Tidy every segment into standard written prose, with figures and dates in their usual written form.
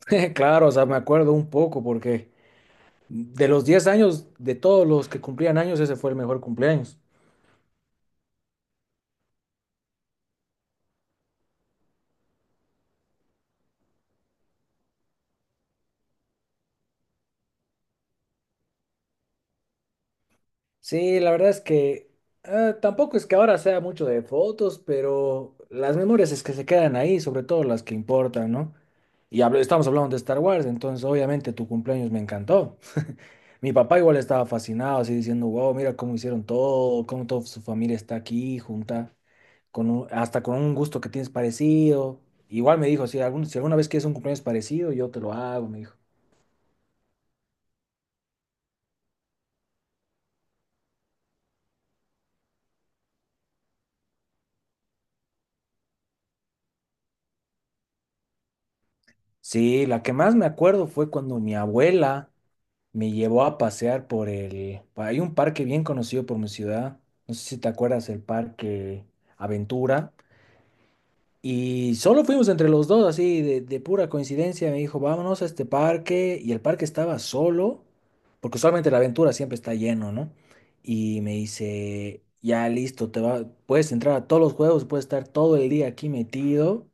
Claro, o sea, me acuerdo un poco porque de los 10 años, de todos los que cumplían años, ese fue el mejor cumpleaños. Sí, la verdad es que tampoco es que ahora sea mucho de fotos, pero las memorias es que se quedan ahí, sobre todo las que importan, ¿no? Estamos hablando de Star Wars, entonces obviamente tu cumpleaños me encantó. Mi papá igual estaba fascinado, así diciendo, wow, mira cómo hicieron todo, cómo toda su familia está aquí junta. Hasta con un gusto que tienes parecido. Igual me dijo, si si alguna vez quieres un cumpleaños parecido, yo te lo hago, me dijo. Sí, la que más me acuerdo fue cuando mi abuela me llevó a pasear por hay un parque bien conocido por mi ciudad, no sé si te acuerdas, el Parque Aventura. Y solo fuimos entre los dos, así de pura coincidencia. Me dijo, vámonos a este parque. Y el parque estaba solo, porque usualmente la aventura siempre está lleno, ¿no? Y me dice, ya listo, te va, puedes entrar a todos los juegos, puedes estar todo el día aquí metido.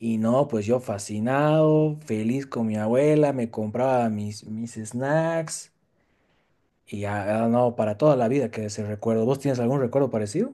Y no, pues yo fascinado, feliz con mi abuela, me compraba mis snacks. Y ya, ah, no, para toda la vida que ese recuerdo. ¿Vos tienes algún recuerdo parecido?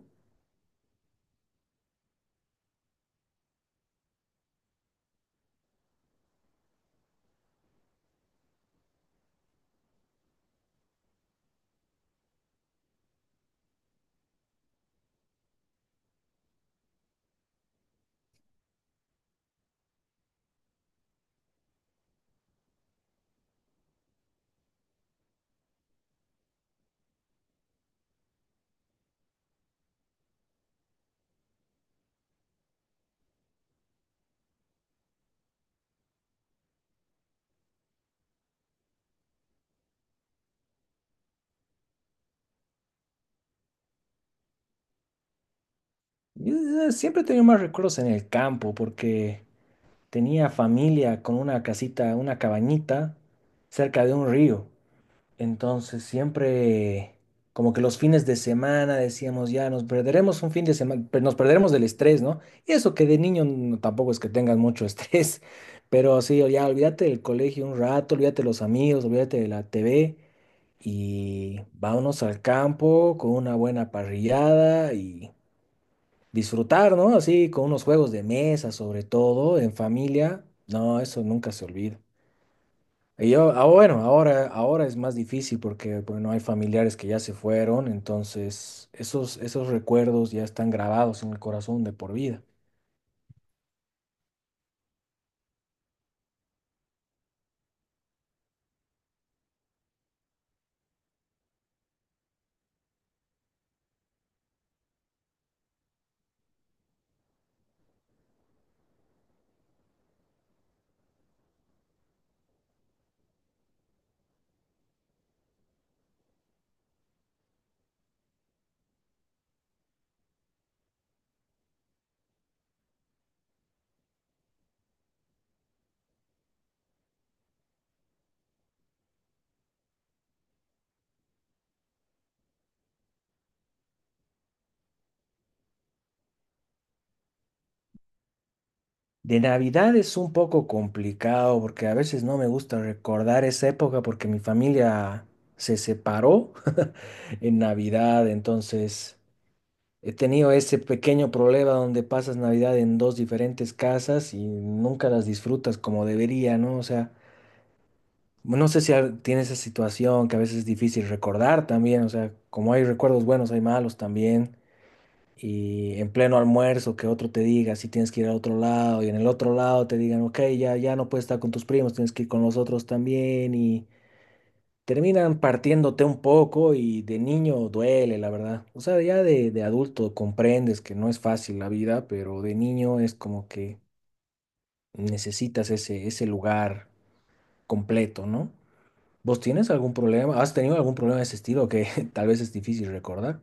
Yo siempre he tenido más recuerdos en el campo, porque tenía familia con una casita, una cabañita cerca de un río. Entonces siempre, como que los fines de semana decíamos, ya nos perderemos un fin de semana, nos perderemos del estrés, ¿no? Y eso que de niño tampoco es que tengas mucho estrés, pero sí, ya olvídate del colegio un rato, olvídate de los amigos, olvídate de la TV y vámonos al campo con una buena parrillada y disfrutar, ¿no? Así con unos juegos de mesa, sobre todo, en familia. No, eso nunca se olvida. Y yo, ah, bueno, ahora es más difícil porque, bueno, hay familiares que ya se fueron, entonces esos recuerdos ya están grabados en el corazón de por vida. De Navidad es un poco complicado porque a veces no me gusta recordar esa época porque mi familia se separó en Navidad, entonces... He tenido ese pequeño problema donde pasas Navidad en dos diferentes casas y nunca las disfrutas como debería, ¿no? O sea, no sé si tienes esa situación que a veces es difícil recordar también, o sea, como hay recuerdos buenos, hay malos también. Y en pleno almuerzo que otro te diga si tienes que ir a otro lado y en el otro lado te digan, ok, ya, ya no puedes estar con tus primos, tienes que ir con los otros también terminan partiéndote un poco y de niño duele, la verdad. O sea, ya de adulto comprendes que no es fácil la vida, pero de niño es como que necesitas ese lugar completo, ¿no? ¿Vos tienes algún problema? ¿Has tenido algún problema de ese estilo que tal vez es difícil recordar?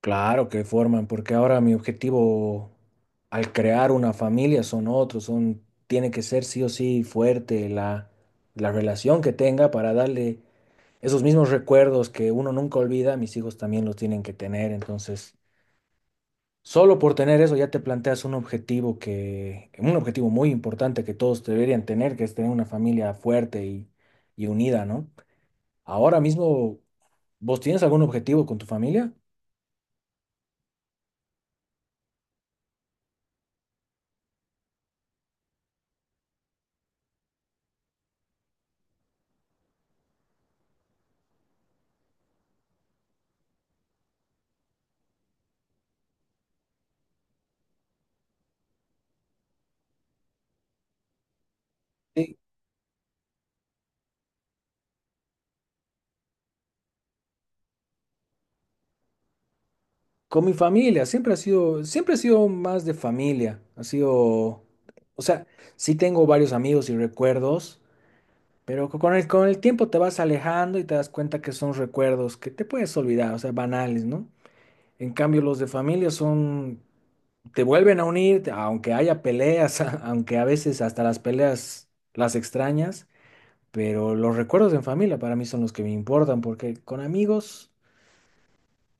Claro que forman, porque ahora mi objetivo al crear una familia son otros, son, tiene que ser sí o sí fuerte la relación que tenga para darle esos mismos recuerdos que uno nunca olvida, mis hijos también los tienen que tener. Entonces, solo por tener eso ya te planteas un objetivo un objetivo muy importante que todos deberían tener, que es tener una familia fuerte y unida, ¿no? Ahora mismo, ¿vos tienes algún objetivo con tu familia? Sí, con mi familia, siempre ha sido más de familia, ha sido, o sea, sí tengo varios amigos y recuerdos, pero con el tiempo te vas alejando y te das cuenta que son recuerdos que te puedes olvidar, o sea, banales, ¿no? En cambio, los de familia son, te vuelven a unir, aunque haya peleas, aunque a veces hasta las peleas las extrañas, pero los recuerdos en familia para mí son los que me importan, porque con amigos,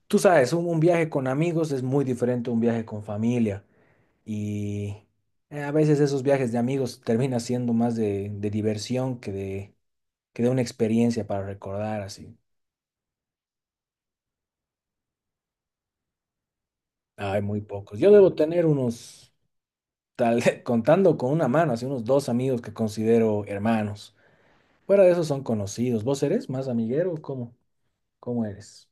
tú sabes, un viaje con amigos es muy diferente a un viaje con familia. Y a veces esos viajes de amigos terminan siendo más de diversión que de que dé una experiencia para recordar así. Hay muy pocos. Yo debo tener unos, tal, contando con una mano, así unos dos amigos que considero hermanos. Fuera de eso son conocidos. ¿Vos eres más amiguero? ¿O cómo? ¿Cómo eres?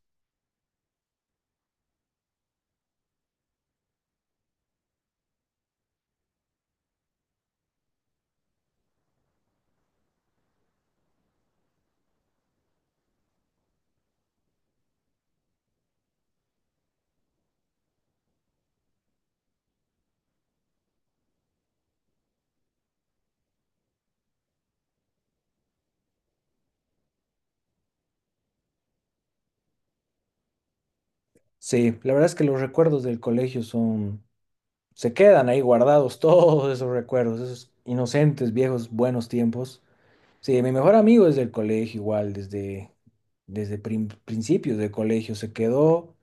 Sí, la verdad es que los recuerdos del colegio son, se quedan ahí guardados todos esos recuerdos, esos inocentes, viejos, buenos tiempos. Sí, mi mejor amigo desde el colegio igual, desde, desde principios del colegio se quedó.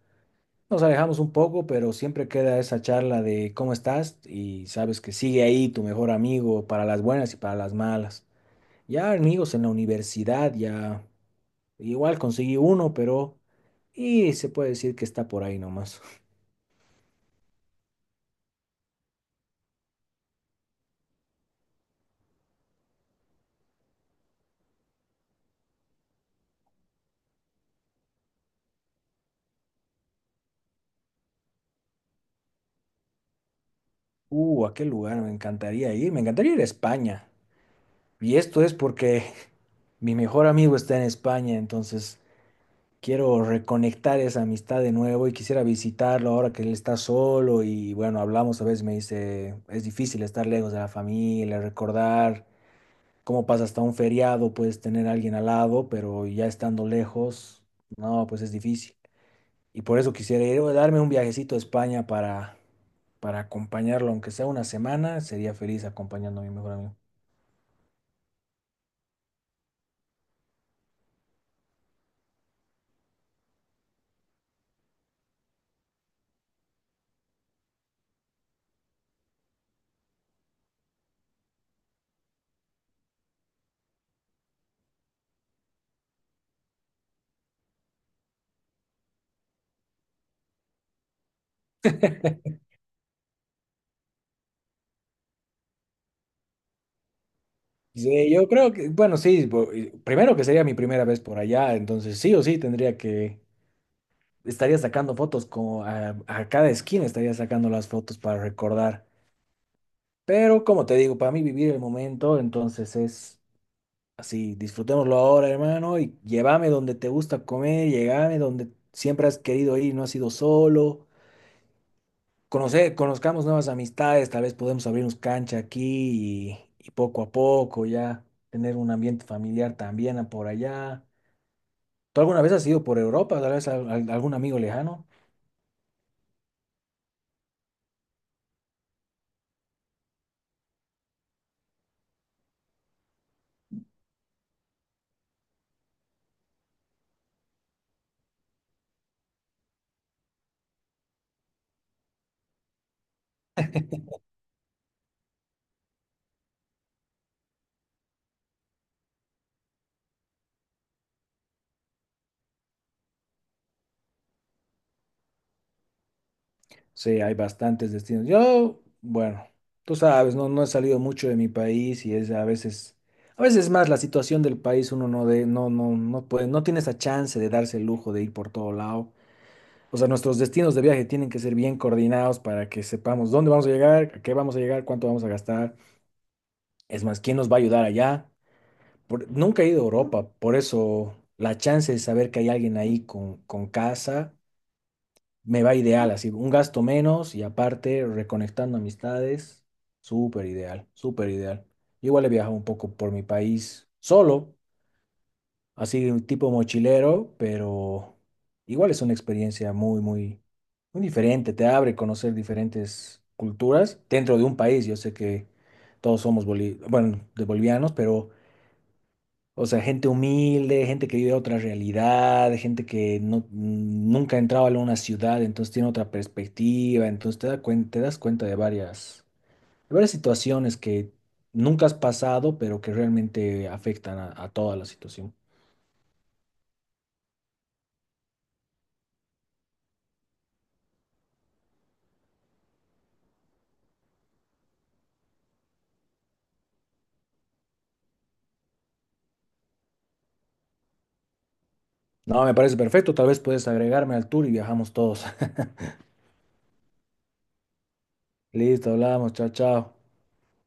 Nos alejamos un poco, pero siempre queda esa charla de cómo estás y sabes que sigue ahí tu mejor amigo para las buenas y para las malas. Ya amigos en la universidad, ya igual conseguí uno, pero y se puede decir que está por ahí nomás. ¿A qué lugar me encantaría ir? Me encantaría ir a España. Y esto es porque mi mejor amigo está en España, entonces quiero reconectar esa amistad de nuevo y quisiera visitarlo ahora que él está solo y bueno, hablamos a veces, me dice, es difícil estar lejos de la familia, recordar cómo pasa hasta un feriado, puedes tener a alguien al lado, pero ya estando lejos, no, pues es difícil. Y por eso quisiera ir, o darme un viajecito a España para acompañarlo, aunque sea una semana, sería feliz acompañando a mi mejor amigo. Sí, yo creo que, bueno, sí, y primero que sería mi primera vez por allá, entonces sí o sí tendría que estaría sacando fotos como a cada esquina estaría sacando las fotos para recordar. Pero como te digo, para mí vivir el momento, entonces es así, disfrutémoslo ahora, hermano, y llévame donde te gusta comer, llévame donde siempre has querido ir, y no has ido solo. Conocer, conozcamos nuevas amistades, tal vez podemos abrirnos cancha aquí y poco a poco ya tener un ambiente familiar también a por allá. ¿Tú alguna vez has ido por Europa? ¿Tal vez algún amigo lejano? Sí, hay bastantes destinos. Yo, bueno, tú sabes, no, no he salido mucho de mi país y es a veces más la situación del país, uno no no, no puede, no tiene esa chance de darse el lujo de ir por todo lado. O sea, nuestros destinos de viaje tienen que ser bien coordinados para que sepamos dónde vamos a llegar, a qué vamos a llegar, cuánto vamos a gastar. Es más, ¿quién nos va a ayudar allá? Nunca he ido a Europa, por eso la chance de saber que hay alguien ahí con casa me va ideal, así, un gasto menos y aparte reconectando amistades, súper ideal, súper ideal. Yo igual he viajado un poco por mi país solo, así un tipo mochilero, pero igual es una experiencia muy, muy, muy diferente, te abre conocer diferentes culturas dentro de un país. Yo sé que todos somos bueno, de bolivianos, pero o sea, gente humilde, gente que vive otra realidad, gente que no, nunca ha entrado a una ciudad, entonces tiene otra perspectiva, entonces te da te das cuenta de varias situaciones que nunca has pasado, pero que realmente afectan a toda la situación. No, me parece perfecto, tal vez puedes agregarme al tour y viajamos todos. Listo, hablamos, chao, chao.